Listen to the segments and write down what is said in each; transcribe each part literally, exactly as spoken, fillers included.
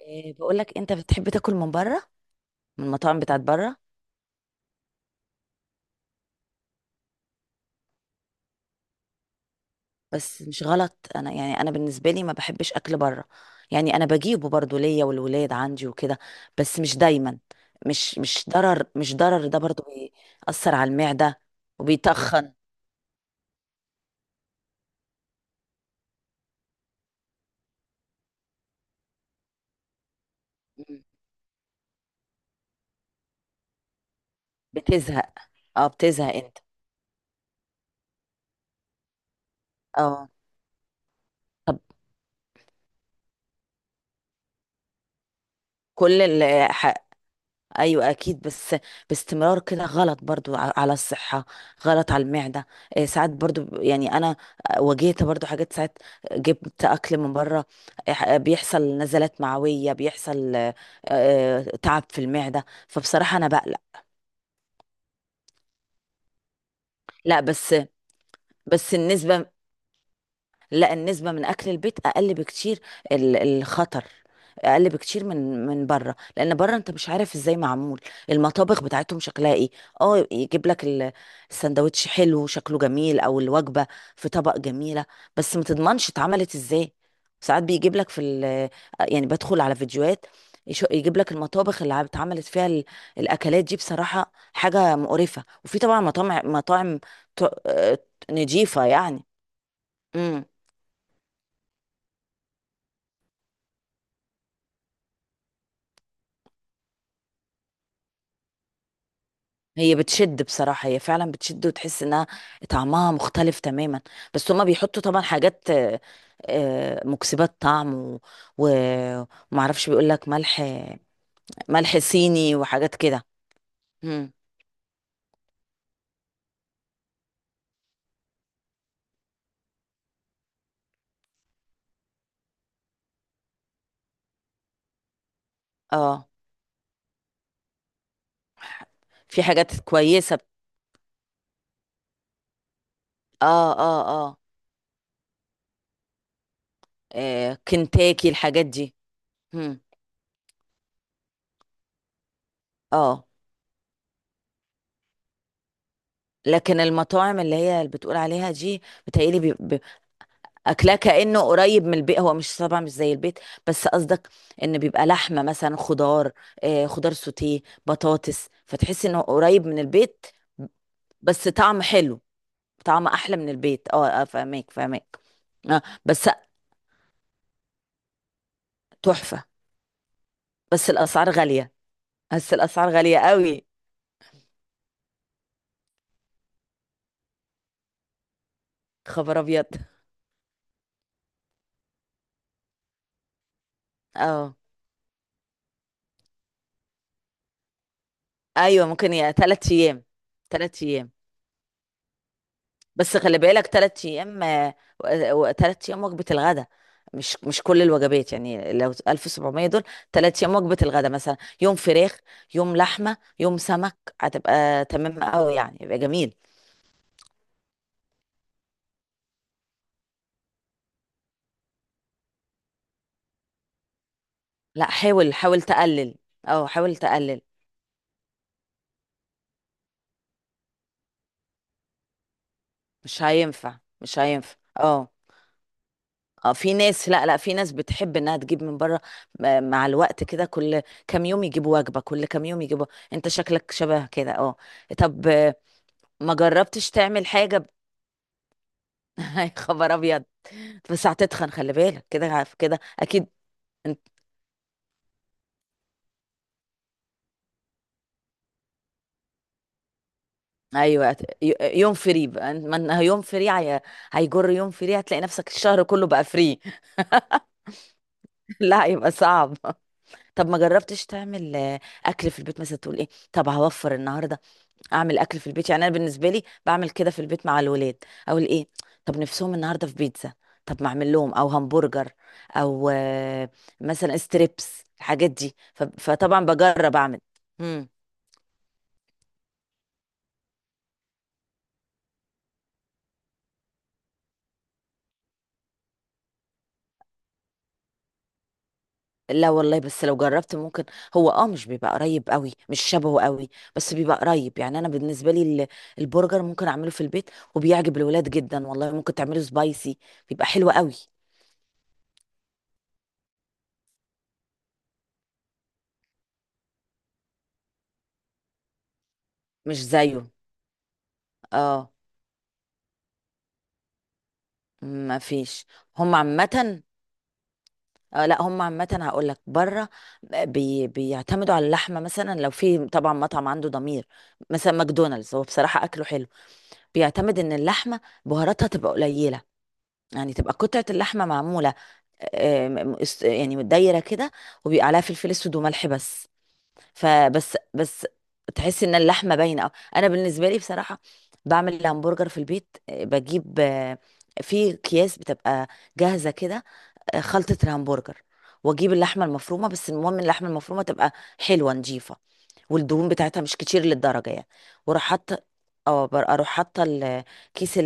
إيه بقول لك، انت بتحب تاكل من بره، من المطاعم بتاعت بره. بس مش غلط، انا يعني انا بالنسبه لي ما بحبش اكل بره. يعني انا بجيبه برضو ليا والولاد عندي وكده، بس مش دايما. مش مش ضرر مش ضرر، ده برضو بيأثر على المعده وبيتخن. مم. بتزهق، اه بتزهق انت. اه، طب، كل ال- ح- ايوه اكيد، بس باستمرار كده غلط برضو ع- على الصحه، غلط على المعده. إيه ساعات برضو ب- يعني انا واجهت برضو حاجات، ساعات جبت اكل من بره. إيه ح- بيحصل نزلات معويه، بيحصل آه، آه، تعب في المعده، فبصراحه انا بقلق. لا بس، بس النسبه، لا، النسبة من أكل البيت أقل بكتير. ال- الخطر أقل بكتير من من بره، لأن بره أنت مش عارف إزاي معمول. المطابخ بتاعتهم شكلها إيه؟ أه يجيب لك ال- السندوتش، حلو شكله جميل، أو الوجبة في طبق جميلة، بس ما تضمنش اتعملت إزاي. ساعات بيجيب لك في ال، يعني بدخل على فيديوهات، يش- يجيب لك المطابخ اللي اتعملت فيها ال- الأكلات دي، بصراحة حاجة مقرفة. وفي طبعا مطاعم مطاعم ت- آه، نضيفة يعني. امم. هي بتشد، بصراحة هي فعلا بتشد، وتحس انها طعمها مختلف تماما، بس هما بيحطوا طبعا حاجات آه، آه، مكسبات طعم، و- و- ومعرفش، بيقول لك ملح، ملح صيني وحاجات كده. مم. اه، في حاجات كويسة بت- اه اه اه، آه، كنتاكي الحاجات دي. مم. اه لكن المطاعم اللي هي اللي بتقول عليها دي بتهيألي اكلاه كانه قريب من البيت، هو مش، طبعا مش زي البيت، بس قصدك ان بيبقى لحمه مثلا، خضار، آه خضار سوتيه، بطاطس، فتحس انه قريب من البيت. بس طعم حلو، طعم احلى من البيت، اه، آه، فاهمك فاهمك. آه بس تحفه، بس الاسعار غاليه، بس الاسعار غاليه قوي، خبر ابيض. اه ايوه، ممكن يا ثلاث ايام، ثلاث ايام. بس خلي بالك، تلات ايام آه، و- تلات ايام وجبة الغداء، مش مش كل الوجبات يعني، لو ألف وسبعمائة دول تلات ايام وجبة الغداء، مثلا يوم فراخ، يوم لحمة، يوم سمك، هتبقى تمام قوي يعني، يبقى جميل. لا، حاول حاول تقلل. اه حاول تقلل، مش هينفع مش هينفع اه. اه في ناس، لا لا، في ناس بتحب انها تجيب من بره، م- مع الوقت كده، كل كام يوم يجيبوا وجبة، كل كام يوم يجيبوا، انت شكلك شبه كده، اه. طب آه، ما جربتش تعمل حاجة؟ يا خبر ابيض، بس هتتخن، خلي بالك كده، عارف كده اكيد. انت، ايوه هت- ي- يوم فري بقى، ما إنها يوم فري هي، هيجر يوم فري، هتلاقي نفسك الشهر كله بقى فري. لا هيبقى صعب. طب ما جربتش تعمل آه، اكل في البيت مثلا؟ تقول ايه، طب هوفر النهارده، اعمل اكل في البيت. يعني انا بالنسبه لي بعمل كده في البيت مع الولاد، اقول ايه، طب نفسهم النهارده في بيتزا، طب ما اعمل لهم، او همبرجر، او آه، مثلا ستريبس الحاجات دي، ف... فطبعا بجرب اعمل. لا والله، بس لو جربت ممكن، هو اه مش بيبقى قريب قوي، مش شبهه قوي، بس بيبقى قريب. يعني انا بالنسبه لي، ال- البرجر ممكن اعمله في البيت، وبيعجب الولاد جدا والله، ممكن تعمله سبايسي، بيبقى حلو قوي. مش زيه، اه. ما فيش. هم عامه، آه لا هم عامه هقول لك، بره بي بيعتمدوا على اللحمه، مثلا لو في طبعا مطعم عنده ضمير، مثلا ماكدونالدز، هو بصراحه اكله حلو، بيعتمد ان اللحمه بهاراتها تبقى قليله، يعني تبقى قطعه اللحمه معموله، آه، م- است- يعني متدايره كده، وبيبقى عليها فلفل اسود وملح بس. فبس بس تحس ان اللحمه باينه أوي. انا بالنسبه لي بصراحه بعمل الهمبرجر في البيت، آه، بجيب آه، في اكياس بتبقى جاهزه كده، آه، خلطه الهمبرجر، واجيب اللحمه المفرومه، بس المهم اللحمه المفرومه تبقى حلوه نظيفه، والدهون بتاعتها مش كتير للدرجه يعني. واروح حاطه، اه بر- اروح حاطه ال- آه، كيس،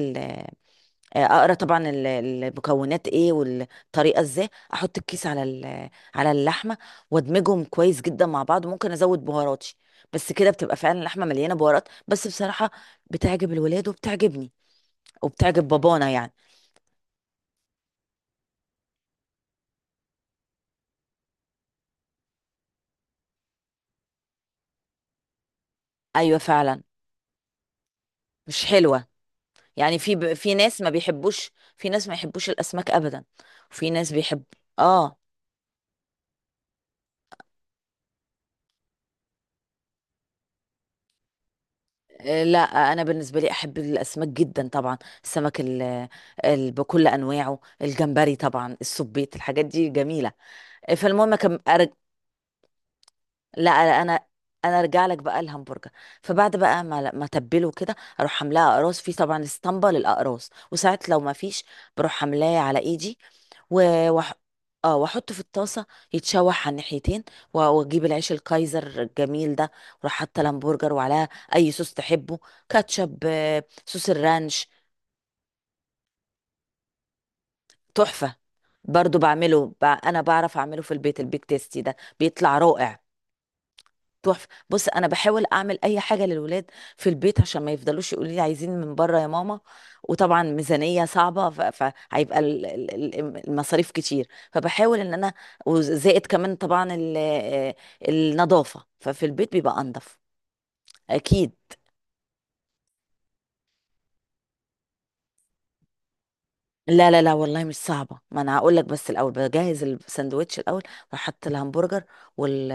آه، اقرا طبعا ال- المكونات ايه والطريقه ازاي، احط الكيس على ال- على اللحمه، وادمجهم كويس جدا مع بعض، وممكن ازود بهاراتي، بس كده بتبقى فعلا اللحمه مليانه بهارات، بس بصراحه بتعجب الولاد وبتعجبني، وبتعجب بابانا يعني. ايوه فعلا، مش حلوه، يعني في ب... في ناس ما بيحبوش، في ناس ما يحبوش الاسماك ابدا، وفي ناس بيحب. اه، آه، لا انا بالنسبه لي احب الاسماك جدا طبعا، السمك ال، ال بكل انواعه، الجمبري طبعا، السبيط، الحاجات دي جميله. فالمهم كم أرج، لا، انا انا ارجع لك بقى الهمبرجر. فبعد بقى ما ما تبله كده، اروح عاملاه اقراص، في طبعا اسطمبه للاقراص، وساعات لو ما فيش بروح عاملاه على ايدي، و وح... اه واحطه في الطاسه، يتشوح على الناحيتين، و- واجيب العيش الكايزر الجميل ده، واروح حاطه الهمبرجر، وعليها اي صوص تحبه، كاتشب، آه، صوص الرانش، تحفه. برضو بعمله ب... انا بعرف اعمله في البيت، البيك تيستي ده بيطلع رائع. تحفة، بص انا بحاول اعمل اي حاجة للولاد في البيت عشان ما يفضلوش يقولوا لي عايزين من بره يا ماما، وطبعا ميزانية صعبة، ف- فهيبقى ال- ال- ال- المصاريف كتير، فبحاول ان انا، وزائد كمان طبعا ال- النظافة، ففي البيت بيبقى انضف، اكيد. لا لا لا والله مش صعبة، ما انا هقول لك، بس الاول بجهز الساندوتش الاول، بحط الهمبرجر وال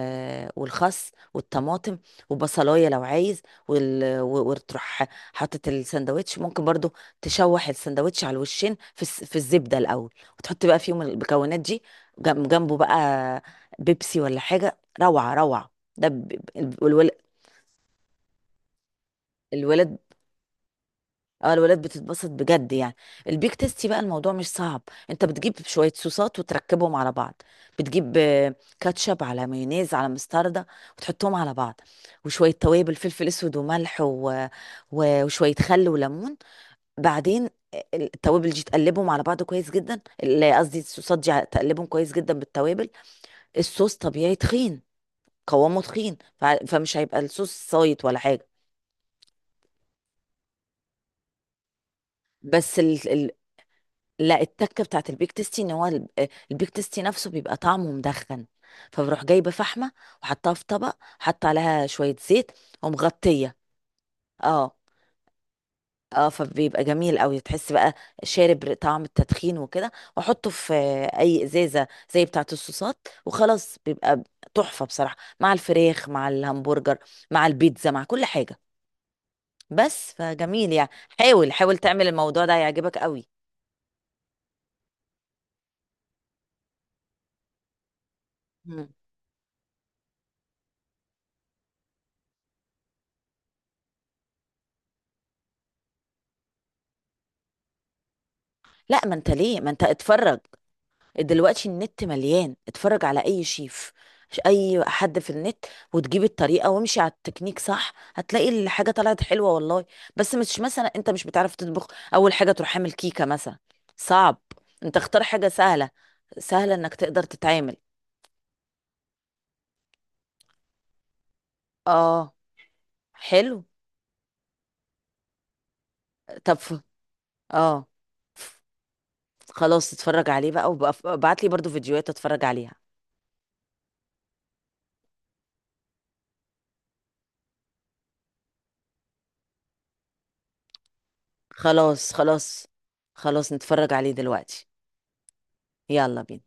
والخس والطماطم، وبصلاية لو عايز، وال... و- وتروح حاطط الساندوتش، ممكن برضو تشوح الساندوتش على الوشين في الس... في الزبدة الاول، وتحط بقى فيهم المكونات دي. جم- جنبه بقى بيبسي ولا حاجة، روعة روعة، ده ب... الولاد، اه الولاد بتتبسط بجد يعني. البيك تيستي بقى الموضوع مش صعب، انت بتجيب شويه صوصات وتركبهم على بعض، بتجيب آه، كاتشب على مايونيز على مستردة، وتحطهم على بعض، وشويه توابل فلفل اسود وملح، و... و... وشويه خل وليمون. بعدين التوابل دي تقلبهم على بعض كويس جدا، ال- قصدي الصوصات دي تقلبهم كويس جدا بالتوابل، الصوص طبيعي تخين، قوامه تخين، ف... فمش هيبقى الصوص صايت ولا حاجه. بس لا، التكه بتاعت البيك تيستي ان هو الب- البيك تيستي نفسه بيبقى طعمه مدخن، فبروح جايبه فحمه، وحطها في طبق، حط عليها شويه زيت، ومغطيه. اه اه، فبيبقى جميل قوي، تحس بقى شارب ر- طعم التدخين وكده، واحطه في اي ازازه زي بتاعت الصوصات، وخلاص بيبقى تحفه بصراحه، مع الفراخ، مع الهمبرجر، مع البيتزا، مع كل حاجه. بس فجميل يعني. حاول حاول تعمل الموضوع ده، هيعجبك قوي. مم. لا ما انت ليه، ما انت اتفرج دلوقتي، النت مليان، اتفرج على اي شيف، اي حد في النت، وتجيب الطريقه، وامشي على التكنيك صح، هتلاقي الحاجه طلعت حلوه والله. بس مش مثلا انت مش بتعرف تطبخ، اول حاجه تروح عامل كيكه مثلا، صعب، انت اختار حاجه سهله، سهله انك تقدر تتعامل، اه حلو. طب ف- اه، خلاص اتفرج عليه بقى، وابعت لي برضو فيديوهات اتفرج عليها. خلاص، خلاص، خلاص نتفرج عليه دلوقتي، يلا بينا.